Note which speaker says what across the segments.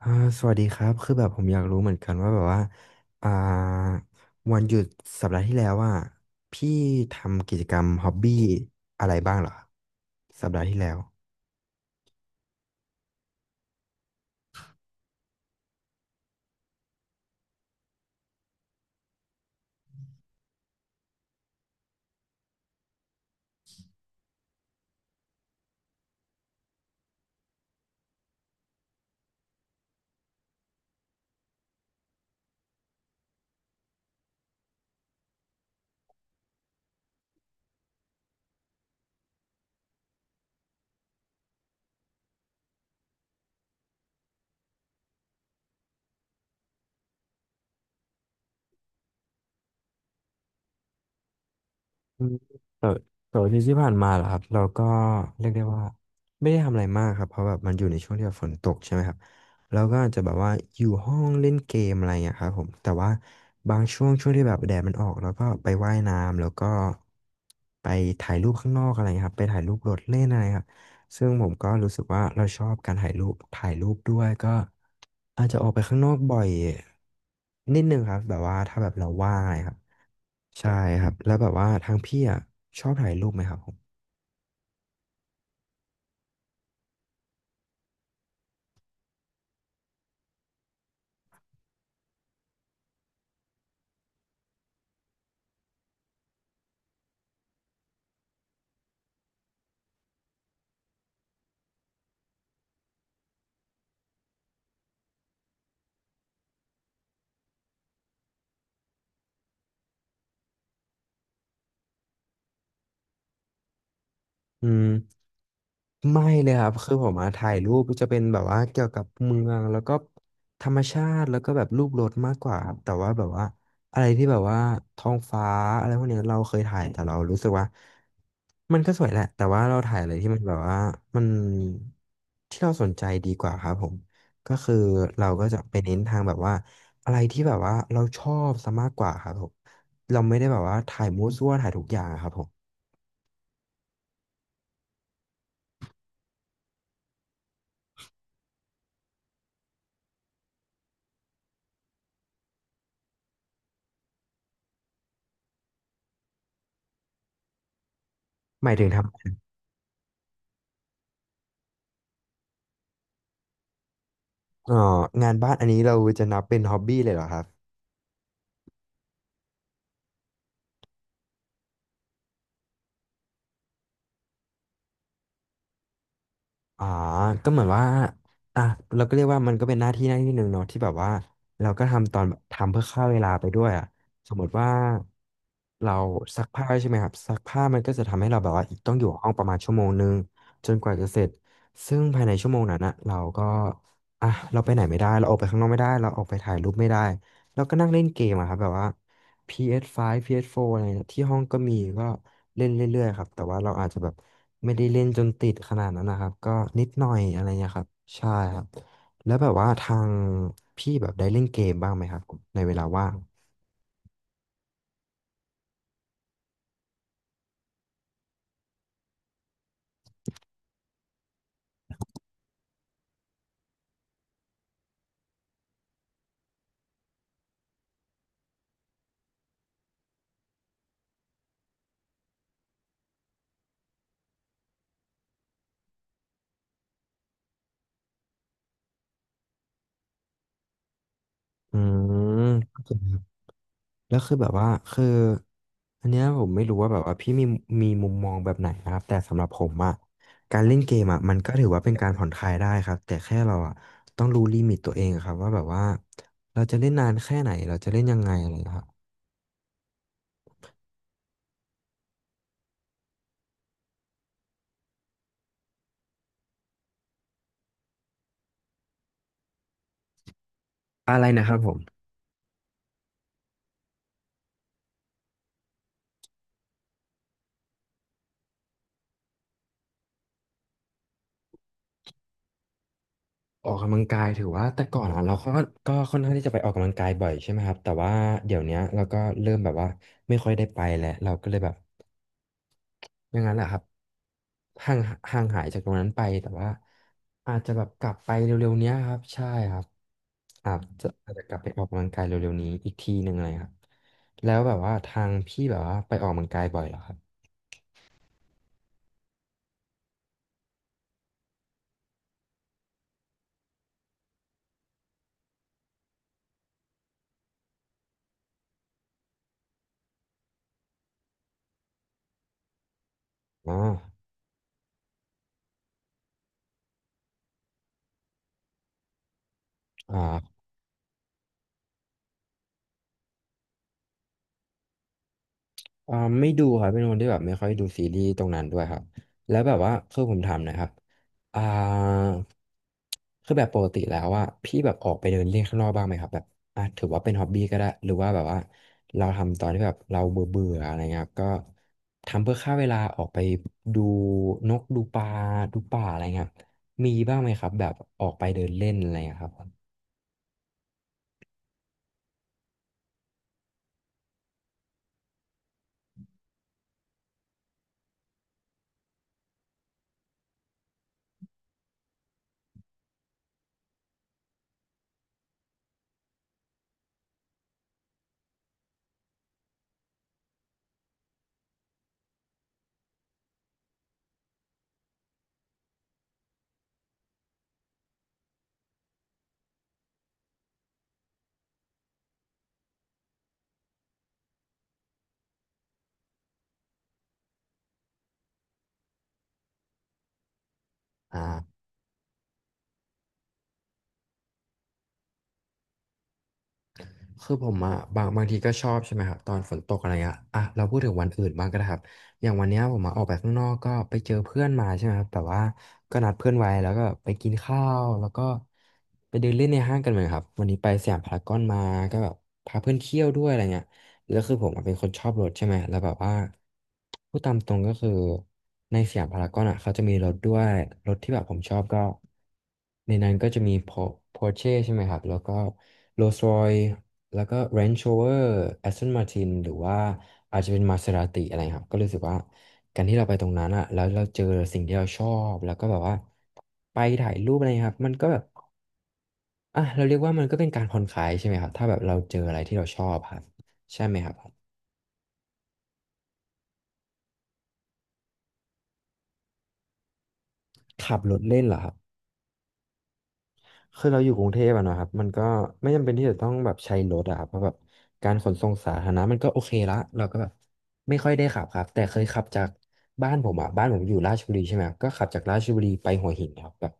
Speaker 1: อ่าสวัสดีครับคือแบบผมอยากรู้เหมือนกันว่าแบบว่าอ่าวันหยุดสัปดาห์ที่แล้วว่าพี่ทำกิจกรรมฮ็อบบี้อะไรบ้างเหรอสัปดาห์ที่แล้ว อืมแต่แต่วันที่ที่ผ่านมาเหรอครับเราก็เรียกได้ว่าไม่ได้ทำอะไรมากครับเพราะแบบมันอยู่ในช่วงที่แบบฝนตกใช่ไหมครับเราก็อาจจะแบบว่าอยู่ห้องเล่นเกมอะไรอย่างเงี้ยครับผมแต่ว่าบางช่วงที่แบบแดดมันออกเราก็ไปว่ายน้ำแล้วก็ไปถ่ายรูปข้างนอกอะไรเงี้ยครับไปถ่ายรูปรถเล่นอะไรครับซึ่งผมก็รู้สึกว่าเราชอบการถ่ายรูปถ่ายรูปด้วยก็อาจจะออกไปข้างนอกบ่อยนิดนึงครับแบบว่าถ้าแบบเราว่างอะไรครับ ใช่ครับแล้วแบบว่าทางพี่อ่ะชอบถ่ายรูปไหมครับผม อืมไม่เลยครับคือผมมาถ่ายรูปจะเป็นแบบว่าเกี่ยวกับเมืองแล้วก็ธรรมชาติแล้วก็แบบรูปรถมากกว่าครับแต่ว่าแบบว่าอะไรที่แบบว่าท้องฟ้าอะไรพวกเนี้ยเราเคยถ่ายแต่เรารู้สึกว่ามันก็สวยแหละแต่ว่าเราถ่ายอะไรที่มันแบบว่ามันที่เราสนใจดีกว่าครับผมก็คือเราก็จะไปเน้นทางแบบว่าอะไรที่แบบว่าเราชอบซะมากกว่าครับผมเราไม่ได้แบบว่าถ่ายมั่วซั่วถ่ายทุกอย่างอะครับผมหมายถึงทำ อ๋องานบ้านอันนี้เราจะนับเป็นฮ็อบบี้เลยเหรอครับอ๋อก็เหมือนว่าอ่ะเราก็เรียกว่ามันก็เป็นหน้าที่หน้าที่หนึ่งเนาะที่แบบว่าเราก็ทำตอนทำเพื่อฆ่าเวลาไปด้วยอ่ะสมมติว่าเราซักผ้าใช่ไหมครับซักผ้ามันก็จะทำให้เราแบบว่าต้องอยู่ห้องประมาณชั่วโมงนึงจนกว่าจะเสร็จซึ่งภายในชั่วโมงนั้นนะเราก็อ่ะเราไปไหนไม่ได้เราออกไปข้างนอกไม่ได้เราออกไปถ่ายรูปไม่ได้เราก็นั่งเล่นเกมอะครับแบบว่า PS5 PS4 อสไฟว์พีเอสโฟร์อะไรเนี่ยที่ห้องก็มีก็เล่นเรื่อยๆครับ แต่ว่าเราอาจจะแบบไม่ได้เล่นจนติดขนาดนั้นนะครับ ก็นิดหน่อยอะไรเงี้ยครับ ใช่ครับ แล้วแบบว่าทางพี่แบบได้เล่นเกมบ้างไหมครับ ในเวลาว่างอืม แล้วคือแบบว่าคืออันเนี้ยผมไม่รู้ว่าแบบว่าพี่มีมุมมองแบบไหนนะครับแต่สำหรับผมอะการเล่นเกมอะมันก็ถือว่าเป็นการผ่อนคลายได้ครับแต่แค่เราอะต้องรู้ลิมิตตัวเองครับว่าแบบว่าเราจะเล่นนานแค่ไหนเราจะเล่นยังไงอะไรครับอะไรนะครับผม ออกกำลังกายถือว่าแต่ก่อนอ่ะเราก็ก็ค่อนข้างที่จะไปออกกำลังกายบ่อยใช่ไหมครับแต่ว่าเดี๋ยวเนี้ยเราก็เริ่มแบบว่าไม่ค่อยได้ไปแล้วเราก็เลยแบบอย่างนั้นแหละครับห่างห่างหายจากตรงนั้นไปแต่ว่าอาจจะแบบกลับไปเร็วๆเนี้ยครับใช่ครับอาจจะกลับไปออกกำลังกายเร็วๆนี้อีกทีหนึ่งเลยครับแล้วแบบว่าทางพี่แบบว่าไปออกกำลังกายบ่อยเหรอครับอ๋ออ่า อ่าไม่ดูครับเป็นคนที่แบบไม่ค่อยดูซีรีส์ตรงนั้นด้วยครับแล้วแบบว่าคือผมถามหนะครับอ่าคือแบบปกติแล้วว่าพี่แบบออกไปเดินเล่นข้างนอกบ้างไหมครับแบบอ่ะถือว่าเป็นฮ็อบบี้ก็ได้หรือว่าแบบว่าเราทำตอนที่แบบเราเบื่อเบื่ออะไรเงี้ยครับก็ทำเพื่อฆ่าเวลาออกไปดูนกดูปลาดูป่าอะไรเงี้ยครับมีบ้างไหมครับแบบออกไปเดินเล่นอะไรเงี้ยครับอ่า คือผมอะบางทีก็ชอบใช่ไหมครับตอนฝนตกอะไรเงี้ยอ่ะเราพูดถึงวันอื่นบ้างก็ได้ครับอย่างวันเนี้ยผมมาออกไปข้างนอกก็ไปเจอเพื่อนมาใช่ไหมครับแต่ว่าก็นัดเพื่อนไว้แล้วก็ไปกินข้าวแล้วก็ไปเดินเล่นในห้างกันเหมือนครับวันนี้ไปสยามพารากอนมาก็แบบพาเพื่อนเที่ยวด้วยอะไรเงี้ยแล้วคือผมอะเป็นคนชอบรถใช่ไหมแล้วแบบว่าพูดตามตรงก็คือในสยามพารากอนอ่ะเขาจะมีรถด้วยรถที่แบบผมชอบก็ในนั้นก็จะมีพอ Porsche ใช่ไหมครับแล้วก็ Rolls Royce แล้วก็ Range Rover Aston Martin หรือว่าอาจจะเป็น Maserati อะไรครับ ก็รู้สึกว่าการที่เราไปตรงนั้นอะแล้วเราเจอสิ่งที่เราชอบ แล้วก็แบบว่าไปถ่ายรูปอะไรครับมันก็แบบเราเรียกว่ามันก็เป็นการผ่อนคลายใช่ไหมครับ ถ้าแบบเราเจออะไรที่เราชอบครับ ใช่ไหมครับ ขับรถเล่นเหรอครับ คือเราอยู่กรุงเทพอะเนาะครับมันก็ไม่จำเป็นที่จะต้องแบบใช้รถอะครับเพราะแบบการขนส่งสาธารณะมันก็โอเคละเราก็แบบไม่ค่อยได้ขับครับแต่เคยขับจากบ้านผมอยู่ราชบุรีใช่ไหมครับก็ขับจากราชบุรีไปหัวหินครับแบบ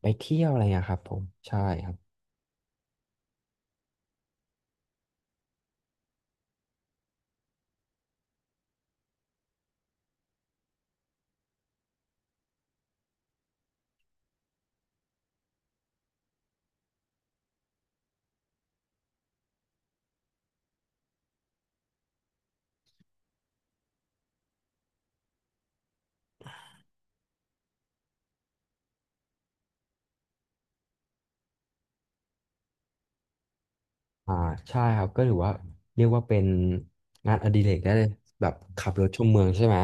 Speaker 1: ไปเที่ยวอะไรเงี้ยครับผมใช่ครับ อ่าใช่ครับก็ถือว่าเรียกว่าเป็นงานอดิเรกได้เลยแบบขับรถชมเมืองใช่ไหม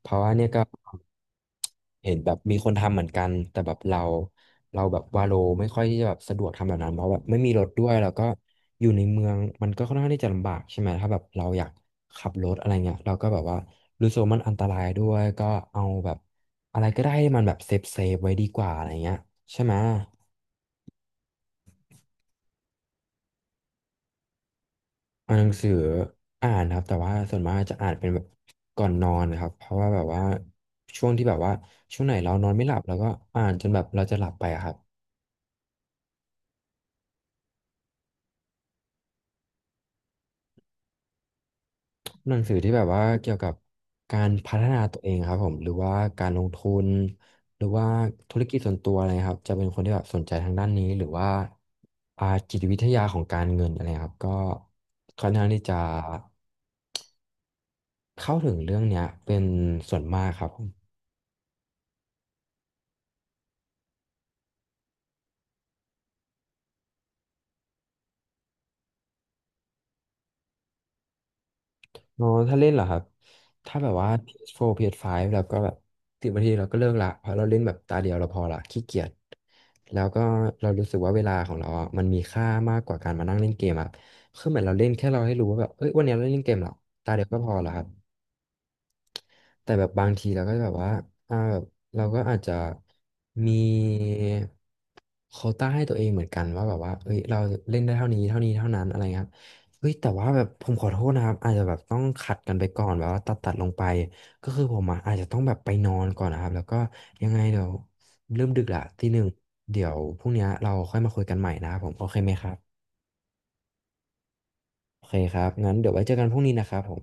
Speaker 1: เพราะว่าเนี่ยก็เห็นแบบมีคนทำเหมือนกันแต่แบบเราแบบวาโลไม่ค่อยที่จะแบบสะดวกทำแบบนั้นเพราะแบบไม่มีรถด้วยแล้วก็อยู่ในเมืองมันก็ค่อนข้างที่จะลำบากใช่ไหมถ้าแบบเราอยากขับรถอะไรเงี้ยเราก็แบบว่ารู้สึกว่ามันอันตรายด้วยก็เอาแบบอะไรก็ได้ให้มันแบบเซฟเซฟไว้ดีกว่าอะไรเงี้ยใช่ไหม อ่านหนังสืออ่านครับแต่ว่าส่วนมากจะอ่านเป็นแบบก่อนนอนนะครับเพราะว่าแบบว่าช่วงที่แบบว่าช่วงไหนเรานอนไม่หลับเราก็อ่านจนแบบเราจะหลับไปอะครับหนังสือที่แบบว่าเกี่ยวกับการพัฒนาตัวเองครับผมหรือว่าการลงทุนหรือว่าธุรกิจส่วนตัวอะไรครับจะเป็นคนที่แบบสนใจทางด้านนี้หรือว่าอ่าจิตวิทยาของการเงินอะไรครับก็ค่อนข้างที่จะเข้าถึงเรื่องเนี้ยเป็นส่วนมากครับ อ๋อถ้าเล่นเหรอครับ ถ้าแบบว่า PS4 PS5 แล้วก็แบบ10 นาทีเราก็เลิกละเพราะเราเล่นแบบตาเดียวเราพอละขี้เกียจแล้วก็เรารู้สึกว่าเวลาของเราอ่ะมันมีค่ามากกว่าการมานั่งเล่นเกมอะคือเหมือนเราเล่นแค่เราให้รู้ว่าแบบเอ้ยวันนี้เราเล่นเกมเหรอตาเดียวก็พอละครับ แต่แบบบางทีเราก็แบบว่าแบบเราก็อาจจะมีโควต้าให้ตัวเองเหมือนกันว่าแบบว่าเอ้ยเราเล่นได้เท่านี้เท่านั้นอะไรเงี้ยครับเฮ้ยแต่ว่าแบบผมขอโทษนะครับอาจจะแบบต้องขัดกันไปก่อนแบบว่าตัดลงไปก็คือผมอะอาจจะต้องแบบไปนอนก่อนนะครับแล้วก็ยังไงเดี๋ยวเริ่มดึกละทีหนึ่งเดี๋ยวพรุ่งนี้เราค่อยมาคุยกันใหม่นะครับผมโอเคไหมครับโอเคครับงั้นเดี๋ยวไว้เจอกันพรุ่งนี้นะครับผม